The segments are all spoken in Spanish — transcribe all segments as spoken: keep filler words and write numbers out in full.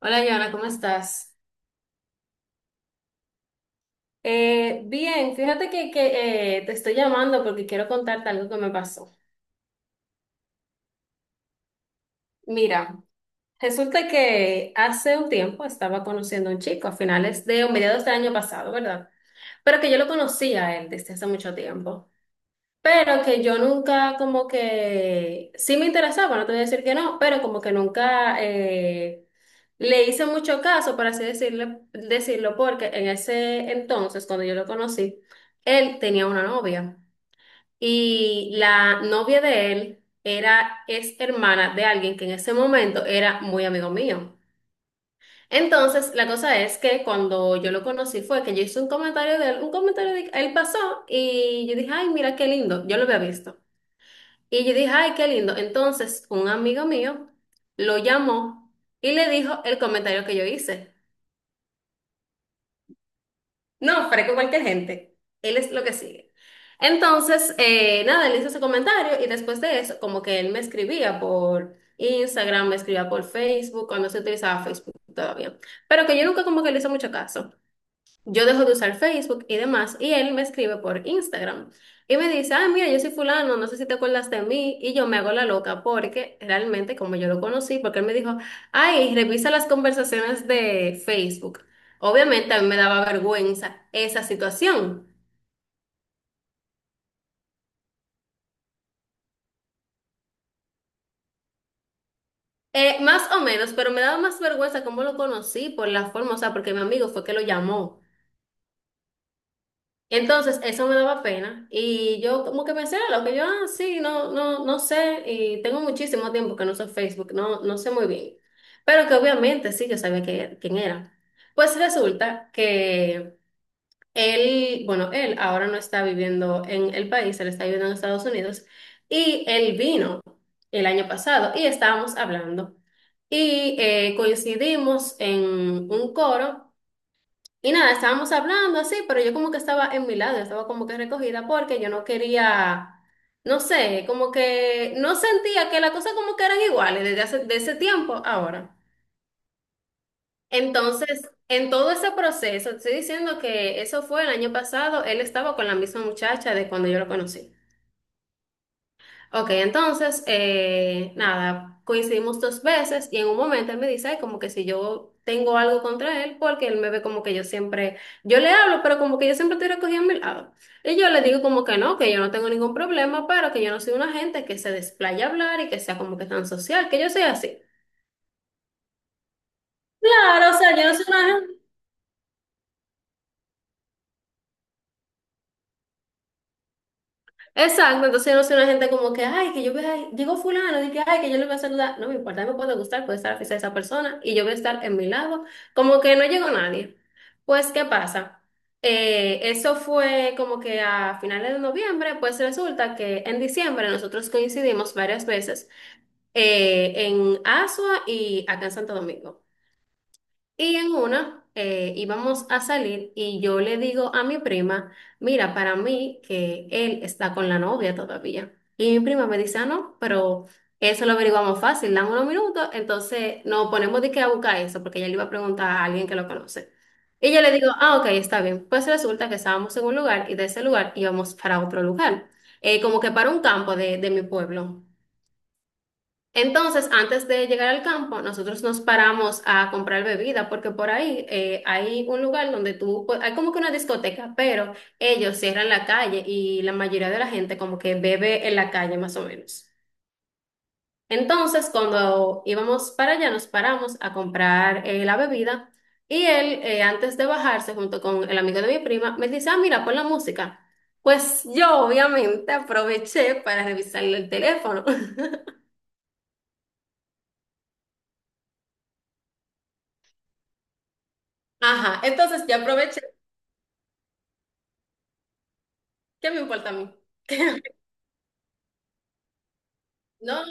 Hola, Joana, ¿cómo estás? Eh, bien, fíjate que, que, eh, te estoy llamando porque quiero contarte algo que me pasó. Mira, resulta que hace un tiempo estaba conociendo a un chico a finales de o mediados del año pasado, ¿verdad? Pero que yo lo conocía a él desde hace mucho tiempo. Pero que yo nunca como que sí me interesaba, no te voy a decir que no, pero como que nunca eh, le hice mucho caso, por así decirle, decirlo, porque en ese entonces, cuando yo lo conocí, él tenía una novia y la novia de él era, es hermana de alguien que en ese momento era muy amigo mío. Entonces, la cosa es que cuando yo lo conocí fue que yo hice un comentario de él, un comentario de él pasó y yo dije, ay, mira qué lindo, yo lo había visto. Y yo dije, ay, qué lindo. Entonces, un amigo mío lo llamó y le dijo el comentario que yo hice. No, freco cualquier gente. Él es lo que sigue. Entonces, eh, nada, él hizo ese comentario y después de eso, como que él me escribía por Instagram, me escribía por Facebook, cuando se utilizaba Facebook todavía. Pero que yo nunca como que le hice mucho caso. Yo dejo de usar Facebook y demás, y él me escribe por Instagram y me dice, ah, mira, yo soy fulano, no sé si te acuerdas de mí, y yo me hago la loca porque realmente como yo lo conocí, porque él me dijo, ay, revisa las conversaciones de Facebook. Obviamente a mí me daba vergüenza esa situación. Eh, más o menos, pero me daba más vergüenza cómo lo conocí por la forma, o sea, porque mi amigo fue que lo llamó. Entonces, eso me daba pena y yo como que pensé: "Ah, lo que yo, ah, sí, no, no, no sé, y tengo muchísimo tiempo que no uso Facebook, no, no sé muy bien, pero que obviamente sí, yo sabía que- quién era". Pues resulta que él, bueno, él ahora no está viviendo en el país, él está viviendo en Estados Unidos y él vino el año pasado y estábamos hablando y eh, coincidimos en un coro y nada, estábamos hablando así, pero yo como que estaba en mi lado, yo estaba como que recogida porque yo no quería, no sé, como que no sentía que las cosas como que eran iguales desde hace, de ese tiempo a ahora. Entonces, en todo ese proceso, te estoy diciendo que eso fue el año pasado, él estaba con la misma muchacha de cuando yo lo conocí. Ok, entonces, eh, nada, coincidimos dos veces y en un momento él me dice: "Ay, como que si yo tengo algo contra él", porque él me ve como que yo siempre, yo le hablo, pero como que yo siempre estoy recogida a mi lado. Y yo le digo como que no, que yo no tengo ningún problema, pero que yo no soy una gente que se desplaya a hablar y que sea como que tan social, que yo soy así. Claro, o sea, yo no soy una gente. Exacto, entonces yo no soy una gente como que, ay, que yo voy a, digo fulano, y que, ay, que yo le voy a saludar. No me importa, me puede gustar, puede estar la fiesta de esa persona y yo voy a estar en mi lado, como que no llegó nadie. Pues, ¿qué pasa? Eh, eso fue como que a finales de noviembre, pues resulta que en diciembre nosotros coincidimos varias veces eh, en Asua y acá en Santo Domingo. Y en una eh, íbamos a salir y yo le digo a mi prima: mira, para mí que él está con la novia todavía. Y mi prima me dice: ah, no, pero eso lo averiguamos fácil, dan unos minutos, entonces nos ponemos de que a buscar eso, porque ella le iba a preguntar a alguien que lo conoce. Y yo le digo: ah, ok, está bien. Pues resulta que estábamos en un lugar y de ese lugar íbamos para otro lugar, eh, como que para un campo de, de mi pueblo. Entonces, antes de llegar al campo, nosotros nos paramos a comprar bebida, porque por ahí eh, hay un lugar donde tú, pues, hay como que una discoteca, pero ellos cierran la calle y la mayoría de la gente como que bebe en la calle más o menos. Entonces, cuando íbamos para allá, nos paramos a comprar eh, la bebida y él, eh, antes de bajarse junto con el amigo de mi prima, me dice: ah, mira, pon la música. Pues yo obviamente aproveché para revisarle el teléfono. Ajá, entonces yo aproveché. ¿Qué me importa a mí? No,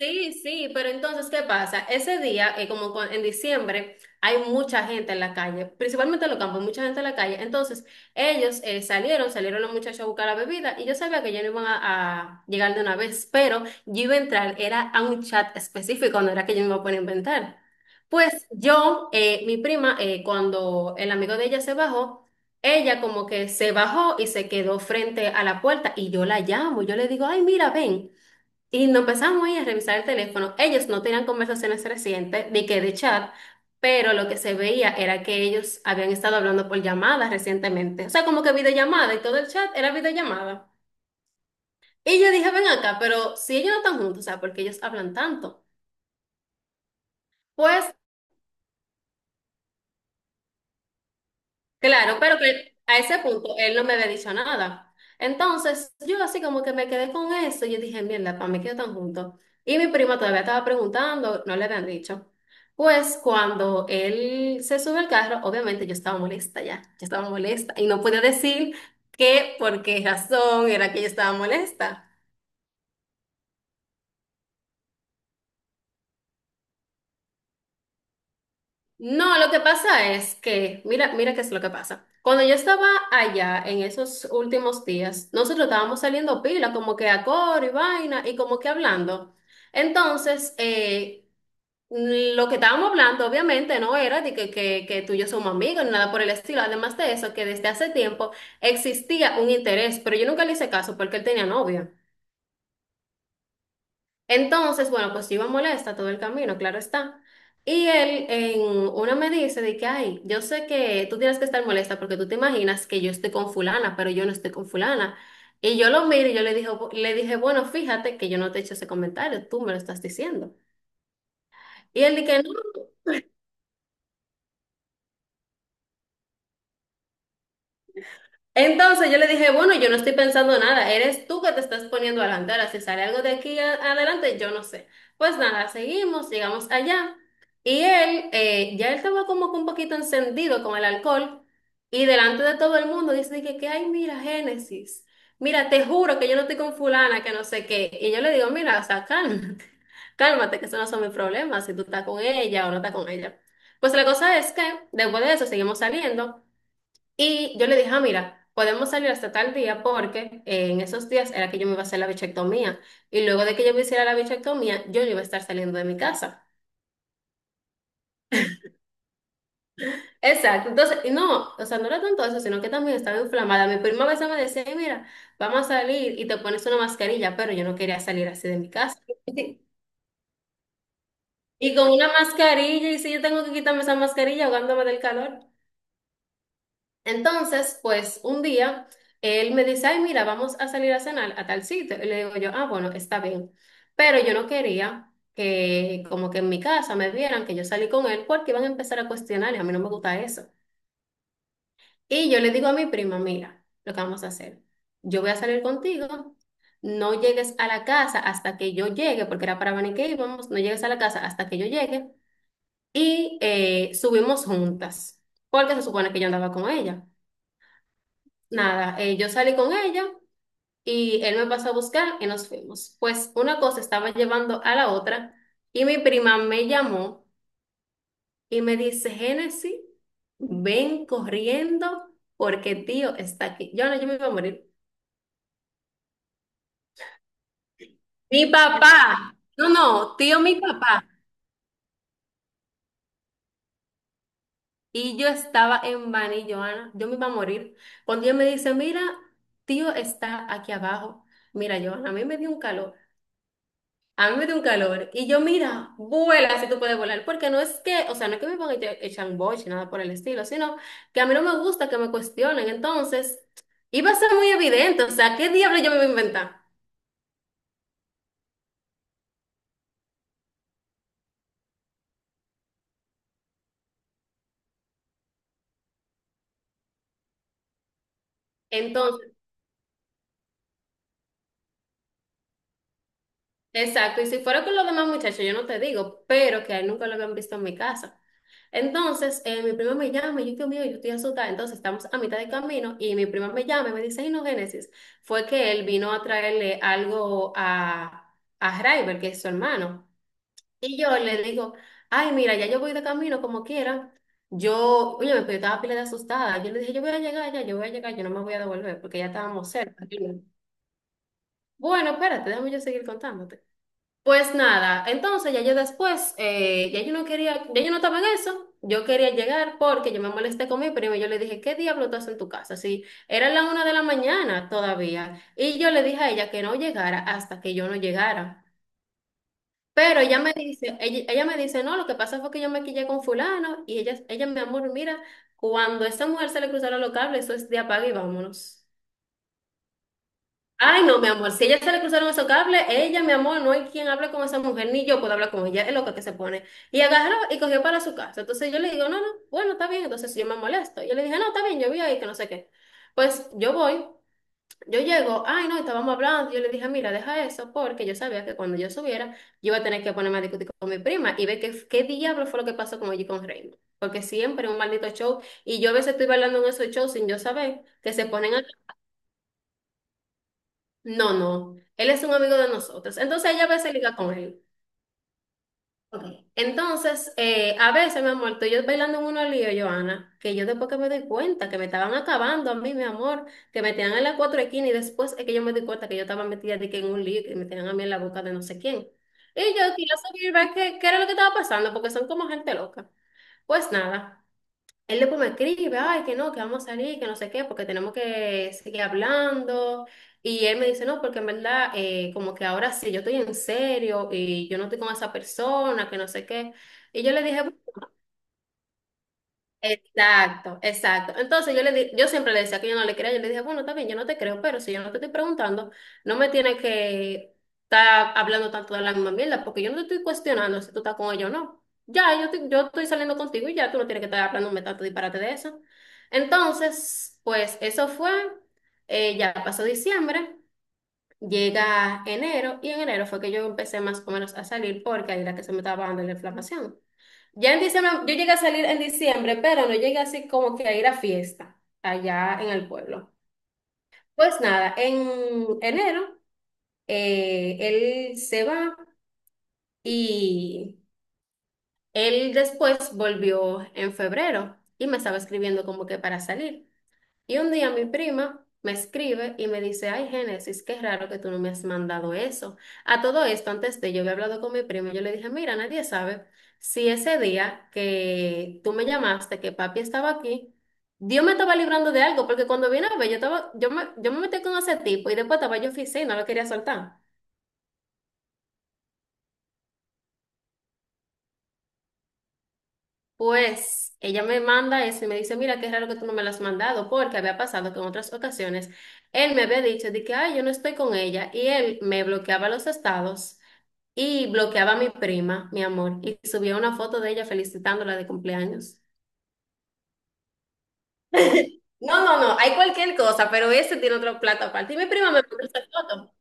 sí, sí, pero entonces, ¿qué pasa? Ese día, eh, como cu- en diciembre, hay mucha gente en la calle, principalmente en los campos, mucha gente en la calle. Entonces, ellos eh, salieron, salieron los muchachos a buscar la bebida y yo sabía que ya no iban a, a llegar de una vez, pero yo iba a entrar, era a un chat específico, no era que yo me iba a poner a inventar. Pues yo, eh, mi prima, eh, cuando el amigo de ella se bajó, ella como que se bajó y se quedó frente a la puerta y yo la llamo, yo le digo: ay, mira, ven. Y nos empezamos ahí a revisar el teléfono. Ellos no tenían conversaciones recientes ni que de chat, pero lo que se veía era que ellos habían estado hablando por llamadas recientemente. O sea, como que videollamada y todo el chat era videollamada. Y yo dije: ven acá, pero si ellos no están juntos, o sea, ¿por qué ellos hablan tanto? Pues claro, pero que a ese punto él no me había dicho nada. Entonces, yo así como que me quedé con eso. Y yo dije: mierda, para mí que tan juntos. Y mi prima todavía estaba preguntando, no le habían dicho. Pues cuando él se sube al carro, obviamente yo estaba molesta ya, yo estaba molesta y no podía decir qué, por qué razón era que yo estaba molesta. No, lo que pasa es que, mira, mira qué es lo que pasa. Cuando yo estaba allá en esos últimos días, nosotros estábamos saliendo pila, como que a coro y vaina, y como que hablando. Entonces, eh, lo que estábamos hablando, obviamente, no era de que, que, que tú y yo somos amigos, ni nada por el estilo. Además de eso, que desde hace tiempo existía un interés, pero yo nunca le hice caso porque él tenía novia. Entonces, bueno, pues yo iba molesta todo el camino, claro está. Y él en una me dice de que, ay, yo sé que tú tienes que estar molesta porque tú te imaginas que yo estoy con fulana, pero yo no estoy con fulana. Y yo lo miro y yo le dije, le dije: bueno, fíjate que yo no te he hecho ese comentario, tú me lo estás diciendo. Y él dice: no. Entonces yo le dije: bueno, yo no estoy pensando nada, eres tú que te estás poniendo a la antera, si sale algo de aquí a- adelante, yo no sé. Pues nada, seguimos, llegamos allá y él, eh, ya él estaba como que un poquito encendido con el alcohol y delante de todo el mundo dice de que, que, ay, mira, Génesis, mira, te juro que yo no estoy con fulana, que no sé qué. Y yo le digo: mira, o sea, cálmate, cálmate, que esos no son mis problemas, si tú estás con ella o no estás con ella. Pues la cosa es que después de eso seguimos saliendo. Y yo le dije: ah, mira, podemos salir hasta tal día porque eh, en esos días era que yo me iba a hacer la bichectomía. Y luego de que yo me hiciera la bichectomía, yo no iba a estar saliendo de mi casa. Exacto. Entonces, y no, o sea, no era tanto eso, sino que también estaba inflamada. Mi prima a veces me decía: "Ay, mira, vamos a salir y te pones una mascarilla", pero yo no quería salir así de mi casa. Y con una mascarilla, y si yo tengo que quitarme esa mascarilla ahogándome del calor. Entonces, pues un día él me dice: ay, mira, vamos a salir a cenar a tal sitio. Y le digo yo: ah, bueno, está bien. Pero yo no quería que como que en mi casa me vieran que yo salí con él porque iban a empezar a cuestionar y a mí no me gusta eso. Y yo le digo a mi prima: mira, lo que vamos a hacer, yo voy a salir contigo, no llegues a la casa hasta que yo llegue, porque era para venir que íbamos, no llegues a la casa hasta que yo llegue y eh, subimos juntas, porque se supone que yo andaba con ella. Nada, eh, yo salí con ella y él me pasó a buscar y nos fuimos. Pues una cosa estaba llevando a la otra y mi prima me llamó y me dice, Génesis, ven corriendo porque tío está aquí. Yo no, yo me iba a morir. Mi papá, no, no, tío, mi papá. Y yo estaba en Bani, Joana, yo me iba a morir. Cuando ella me dice, mira, tío está aquí abajo. Mira, Joana, a mí me dio un calor. A mí me dio un calor. Y yo, mira, vuela si tú puedes volar. Porque no es que, o sea, no es que me pongan echa- echan boche, nada por el estilo, sino que a mí no me gusta que me cuestionen. Entonces, iba a ser muy evidente. O sea, ¿qué diablo yo me voy a inventar? Entonces, exacto. Y si fuera con los demás muchachos, yo no te digo, pero que a él nunca lo habían visto en mi casa. Entonces, eh, mi prima me llama y yo, Dios mío, yo estoy asustada. Entonces, estamos a mitad de camino y mi prima me llama y me dice, ay, no, Génesis, fue que él vino a traerle algo a, a Raiber, que es su hermano. Y yo le digo, ay, mira, ya yo voy de camino como quiera. Yo, oye, pero yo estaba pila de asustada. Yo le dije, yo voy a llegar ya, yo voy a llegar, yo no me voy a devolver porque ya estábamos cerca. Y yo, le- Bueno, espérate, déjame yo seguir contándote. Pues nada, entonces ya yo después, eh, ya yo no quería, ya yo no estaba en eso. Yo quería llegar porque yo me molesté con mi primo y yo le dije, ¿qué diablo tú haces en tu casa? Sí, era la una de la mañana todavía. Y yo le dije a ella que no llegara hasta que yo no llegara. Pero ella me dice, ella, ella me dice, no, lo que pasa fue que yo me quillé con fulano y ella, ella, mi amor, mira, cuando a esa mujer se le cruzaron los cables, eso es de apague y vámonos. Ay, no, mi amor, si a ella se le cruzaron esos cables, ella, mi amor, no hay quien hable con esa mujer, ni yo puedo hablar con ella, es loca que se pone. Y agarró y cogió para su casa. Entonces yo le digo, no, no, bueno, está bien, entonces yo me molesto. Yo le dije, no, está bien, yo vi ahí que no sé qué. Pues yo voy. Yo llego, ay no, estábamos hablando, yo le dije, mira, deja eso, porque yo sabía que cuando yo subiera, yo iba a tener que ponerme a discutir con mi prima y ver qué, qué diablo fue lo que pasó con allí con Raymond. Porque siempre es un maldito show, y yo a veces estoy bailando en esos shows sin yo saber, que se ponen a… No, no, él es un amigo de nosotros. Entonces ella a veces liga con él. Ok. Entonces, eh, a veces, mi amor, tú y yo bailando en unos líos, Joana, que yo después que me doy cuenta que me estaban acabando a mí, mi amor, que me tenían en las cuatro esquinas y después es que yo me di cuenta que yo estaba metida de que en un lío que me tenían a mí en la boca de no sé quién. Y yo quería saber, ¿verdad?, qué, qué era lo que estaba pasando, porque son como gente loca. Pues nada. Él después me escribe, ay, que no, que vamos a salir, que no sé qué, porque tenemos que seguir hablando. Y él me dice, no, porque en verdad, eh, como que ahora sí, yo estoy en serio y yo no estoy con esa persona, que no sé qué. Y yo le dije, exacto, exacto. Entonces yo le di- yo siempre le decía que yo no le creía, yo le dije, bueno, está bien, yo no te creo, pero si yo no te estoy preguntando, no me tienes que estar hablando tanto de la misma mierda, porque yo no te estoy cuestionando si tú estás con ella o no. Ya, yo, te- yo estoy saliendo contigo y ya tú no tienes que estar hablándome tanto disparate de eso. Entonces, pues eso fue, eh, ya pasó diciembre, llega enero, y en enero fue que yo empecé más o menos a salir porque ahí era que se me estaba bajando la inflamación. Ya en diciembre, yo llegué a salir en diciembre, pero no llegué así como que a ir a fiesta allá en el pueblo. Pues nada, en enero eh, él se va y él después volvió en febrero y me estaba escribiendo como que para salir. Y un día mi prima me escribe y me dice, ay, Génesis, qué raro que tú no me has mandado eso. A todo esto, antes de yo había hablado con mi prima, yo le dije, mira, nadie sabe si ese día que tú me llamaste, que papi estaba aquí, Dios me estaba librando de algo, porque cuando vine a ver, yo estaba, yo me, yo me metí con ese tipo y después estaba yo en oficina, no lo quería soltar. Pues ella me manda eso y me dice, mira, qué raro que tú no me lo has mandado, porque había pasado que en otras ocasiones él me había dicho de que, ay, yo no estoy con ella, y él me bloqueaba los estados y bloqueaba a mi prima, mi amor, y subía una foto de ella felicitándola de cumpleaños. No, no, no, hay cualquier cosa, pero ese tiene otro plato aparte. Y mi prima me mandó esa foto.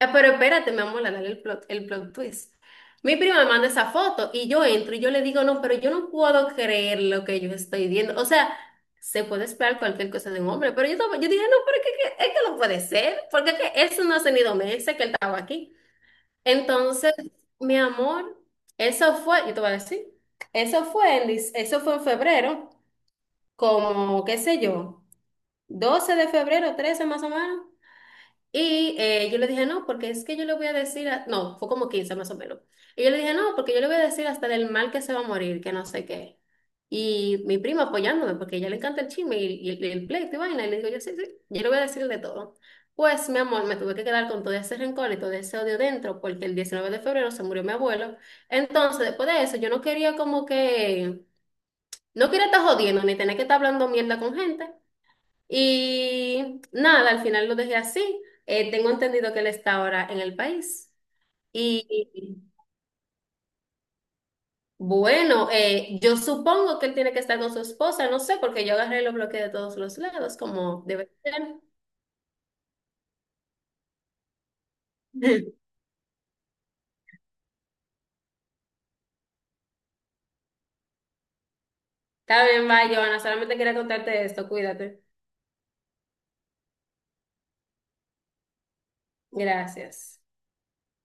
Ah, pero espérate, mi amor, dale el plot, el plot, twist. Mi prima me manda esa foto y yo entro y yo le digo, no, pero yo no puedo creer lo que yo estoy viendo. O sea, se puede esperar cualquier cosa de un hombre, pero yo, estaba- yo dije, no, pero es que, que- es que no puede ser, porque es que eso no hace ni dos meses que él estaba aquí. Entonces, mi amor, eso fue, yo te voy a decir, eso fue en, dic- eso fue en febrero, como, qué sé yo, doce de febrero, trece más o menos. Y eh, yo le dije, no, porque es que yo le voy a decir, a-". No, fue como quince más o menos. Y yo le dije, no, porque yo le voy a decir hasta del mal que se va a morir, que no sé qué. Y mi prima apoyándome, porque a ella le encanta el chisme y, y el, el pleito y vaina. Y le digo, yo sí, sí, yo le voy a decir de todo. Pues, mi amor, me tuve que quedar con todo ese rencor y todo ese odio dentro, porque el diecinueve de febrero se murió mi abuelo. Entonces, después de eso, yo no quería como que, no quería estar jodiendo ni tener que estar hablando mierda con gente. Y nada, al final lo dejé así. Eh, tengo entendido que él está ahora en el país. Y bueno, eh, yo supongo que él tiene que estar con su esposa, no sé, porque yo agarré y lo bloqueé de todos los lados, como debe ser. Está bien, bye, Joana. Solamente quería contarte esto. Cuídate. Gracias.